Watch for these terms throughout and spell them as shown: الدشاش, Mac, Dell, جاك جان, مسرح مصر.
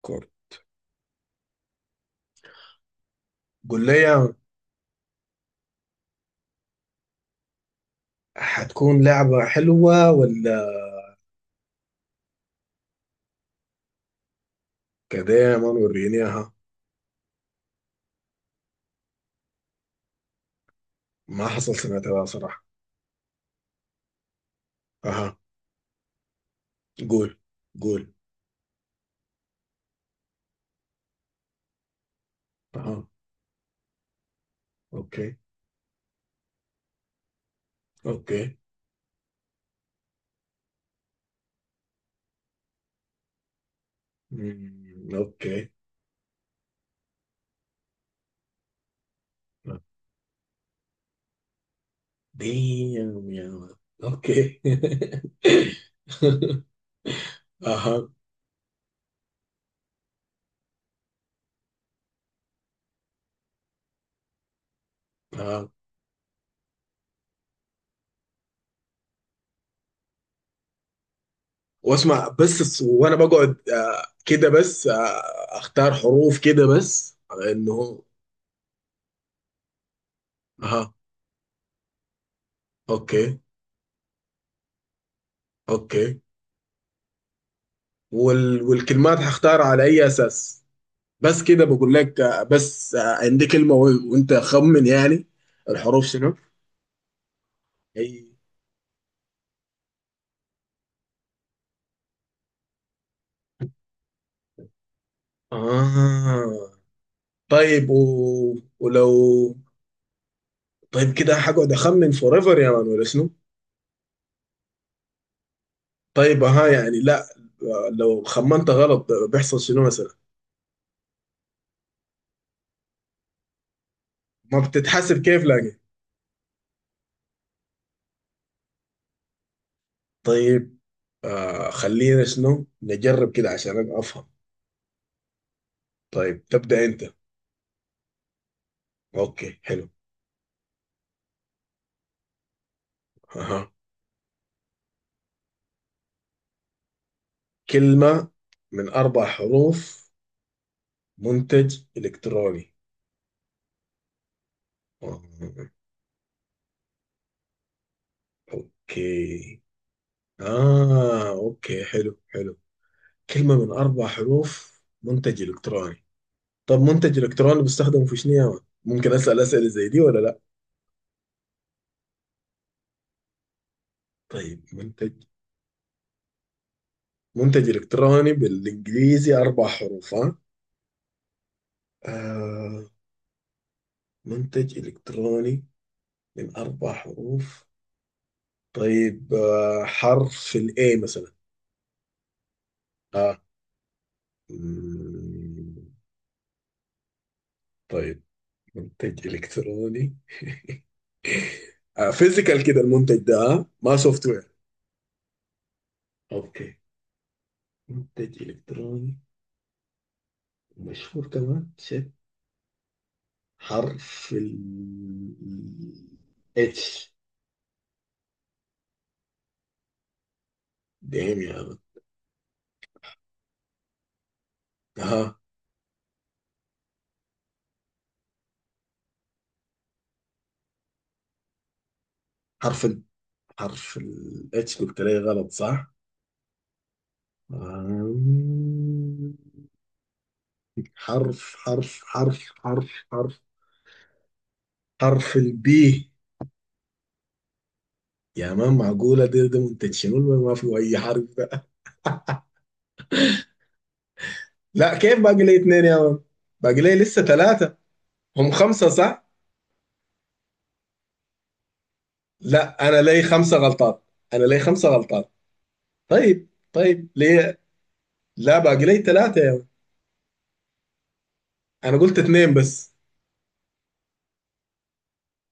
كورة. قول لي يا-. هتكون لعبة حلوة ولا كده؟ ما ورينيها. ما حصل سمعتها صراحة. اها. قول قول. اها. اوكي. اوكي. اوكي. ديم يا ولد. اوكي. اها. اها. واسمع بس الس- وانا بقعد كده بس اختار حروف كده بس على انه. اها. اوكي. اوكي. وال... والكلمات هختار على اي اساس؟ بس كده بقول لك بس عندي كلمة و... وانت خمن يعني الحروف شنو. اي. اه طيب و... ولو طيب كده هقعد اخمن فور ايفر يا مان ولا شنو؟ طيب ها يعني لا. لو خمنت غلط بيحصل شنو مثلا؟ ما بتتحسب كيف لكن؟ طيب آه، خلينا شنو نجرب كده عشان أنا افهم. طيب تبدأ انت. اوكي حلو. كلمة من 4 حروف منتج إلكتروني. آه، أوكي. آه أوكي حلو حلو. كلمة من أربع حروف منتج إلكتروني. طب منتج إلكتروني بيستخدم في شنو يا مان؟ ممكن أسأل أسئلة زي دي ولا لا؟ طيب منتج. منتج إلكتروني بالإنجليزي 4 حروف ها؟ آه. منتج إلكتروني من أربع حروف. طيب آه، حرف الإيه مثلا. آه. مم. طيب منتج إلكتروني. آه فيزيكال كده المنتج ده ها؟ ما سوفت وير. اوكي. منتج إلكتروني مشهور كمان شيت. حرف ال اتش. دايم يا ولد. ها. حرف ال. حرف ال اتش قلت لي غلط صح؟ آم، حرف حرف البي. يا مان معقولة ده منتج شنو؟ ما فيه أي حرف. لا كيف باقي لي اتنين يا مان؟ باقي لي لسه ثلاثة. هم خمسة صح؟ لا أنا لي 5 غلطات. أنا لي خمسة غلطات. طيب طيب ليه؟ لا باقي لي ثلاثة يا مان. أنا قلت اتنين بس.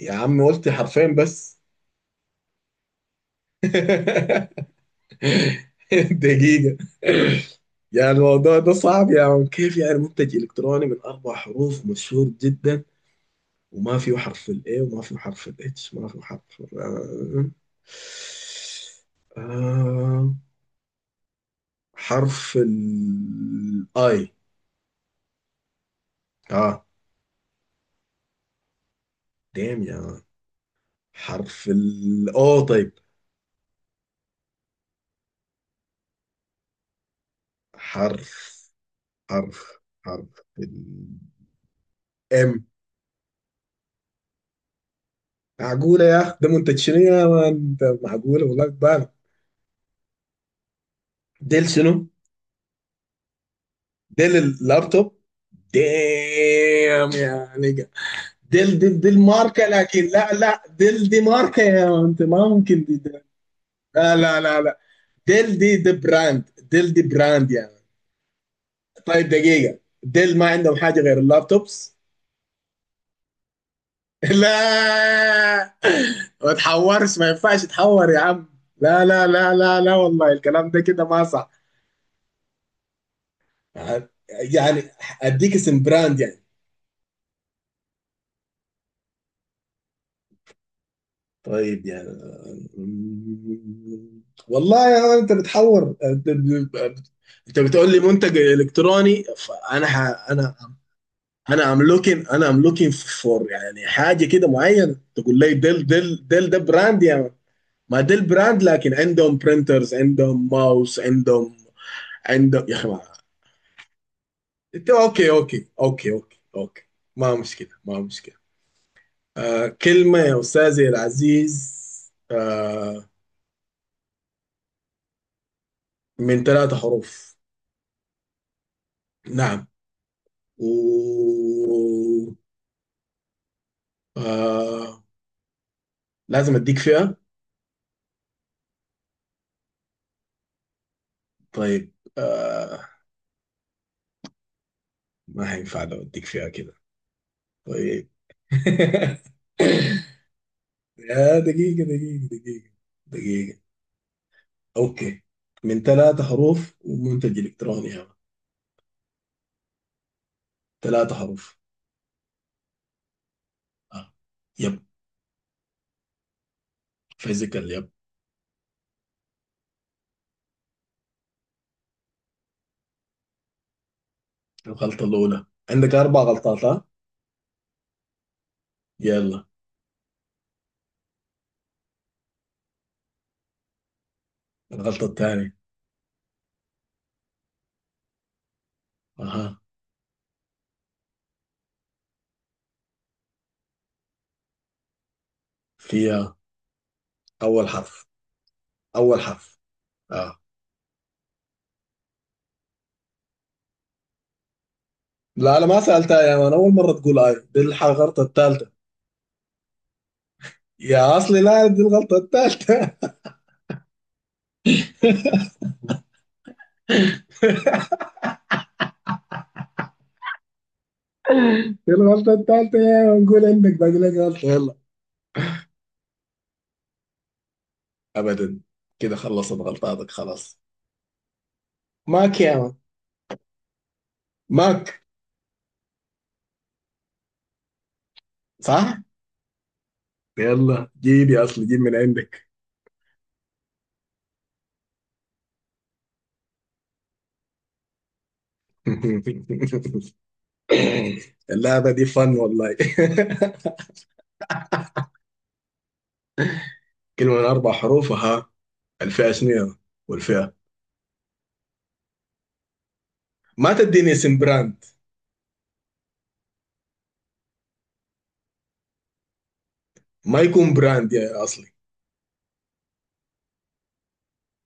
يا عم قلت حرفين بس. دقيقة. يعني الموضوع ده صعب يا عم. كيف يعني منتج إلكتروني من أربع حروف مشهور جدا وما فيه حرف ال A وما فيه حرف ال H ما فيه حرف ال-. آه. حرف الاي. اه. دام يا. حرف الاو طيب. حرف حرف حرف الام. معقولة يا اخ؟ ده منتج شنو يا مان؟ انت معقولة والله بان. ديل شنو؟ ديل اللابتوب. دام يا نيجا. ديل دي الماركة لكن لا لا ديل دي ماركة يا مان. انت ما ممكن دي. لا لا لا لا. ديل دي براند. ديل دي براند يا. طيب دقيقة، ديل ما عندهم حاجة غير اللابتوبس. لا. ما تحورش. ما ينفعش تحور يا عم. لا لا لا لا لا والله الكلام ده كده ما صح. يعني اديك اسم براند يعني. طيب يعني والله يا مان انت بتحور. انت بتقول لي منتج الكتروني فانا ح... انا، انا ام لوكين، انا ام لوكين فور يعني حاجه كده معينه، تقول لي ديل ديل ديل ده براند يعني. ما ده البراند لكن عندهم برينترز عندهم ماوس عندهم. عندهم يا اخي ما. انت اوكي اوكي اوكي اوكي اوكي. ما مشكله ما مشكله. آه كلمه يا استاذي العزيز آه، من 3 حروف. نعم. و آه، لازم اديك فيها. طيب آه، ما هينفع لو اديك فيها كده. طيب. يا دقيقة دقيقة دقيقة. دقيقة. اوكي. من ثلاثة حروف ومنتج الكتروني يعني 3 حروف. آه. يب. فيزيكال يب. الغلطة الأولى عندك 4 غلطات ها. يلا. الغلطة الثانية. أها. فيها. أول حرف. أول حرف. آه. لا أنا ما سألتها يا مان، أول مرة تقول آي. دي الح-، الغلطة الثالثة. يا أصلي لا، دي الغلطة الثالثة. دي الغلطة الثالثة يا مان. قول عندك باقي لك غلطة. يلا. أبدا. كده خلصت غلطاتك خلاص. ماك يا مان. ماك. صح؟ يلا جيب يا اصل، جيب من عندك. اللعبة دي فن والله. كلمة من أربع حروف ها. الفئة شنو يا؟ والفئة؟ ما تديني اسم براند. ما يكون براند يا أصلي.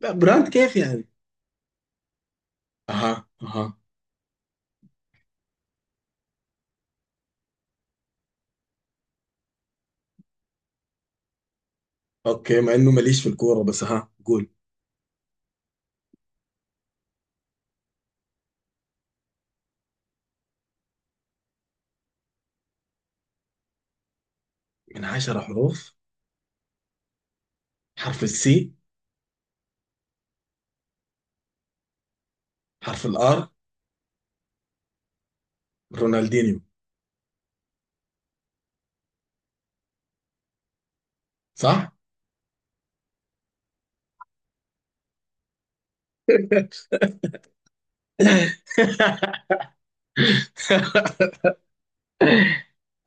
لا براند كيف يعني؟ أها أها. أوكي مع إنه ماليش في الكورة بس ها قول. من 10 حروف. حرف السي. حرف الآر. رونالدينيو صح؟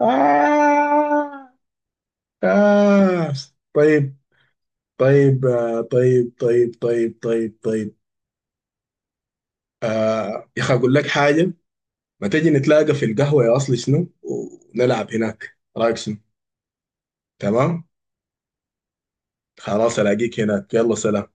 آه. آه. طيب. طيب طيب طيب طيب طيب طيب. آه يا اخي اقول لك حاجه. ما تجي نتلاقى في القهوه يا اصلي شنو؟ ونلعب هناك، رايك شنو؟ تمام. خلاص الاقيك هناك، يلا سلام.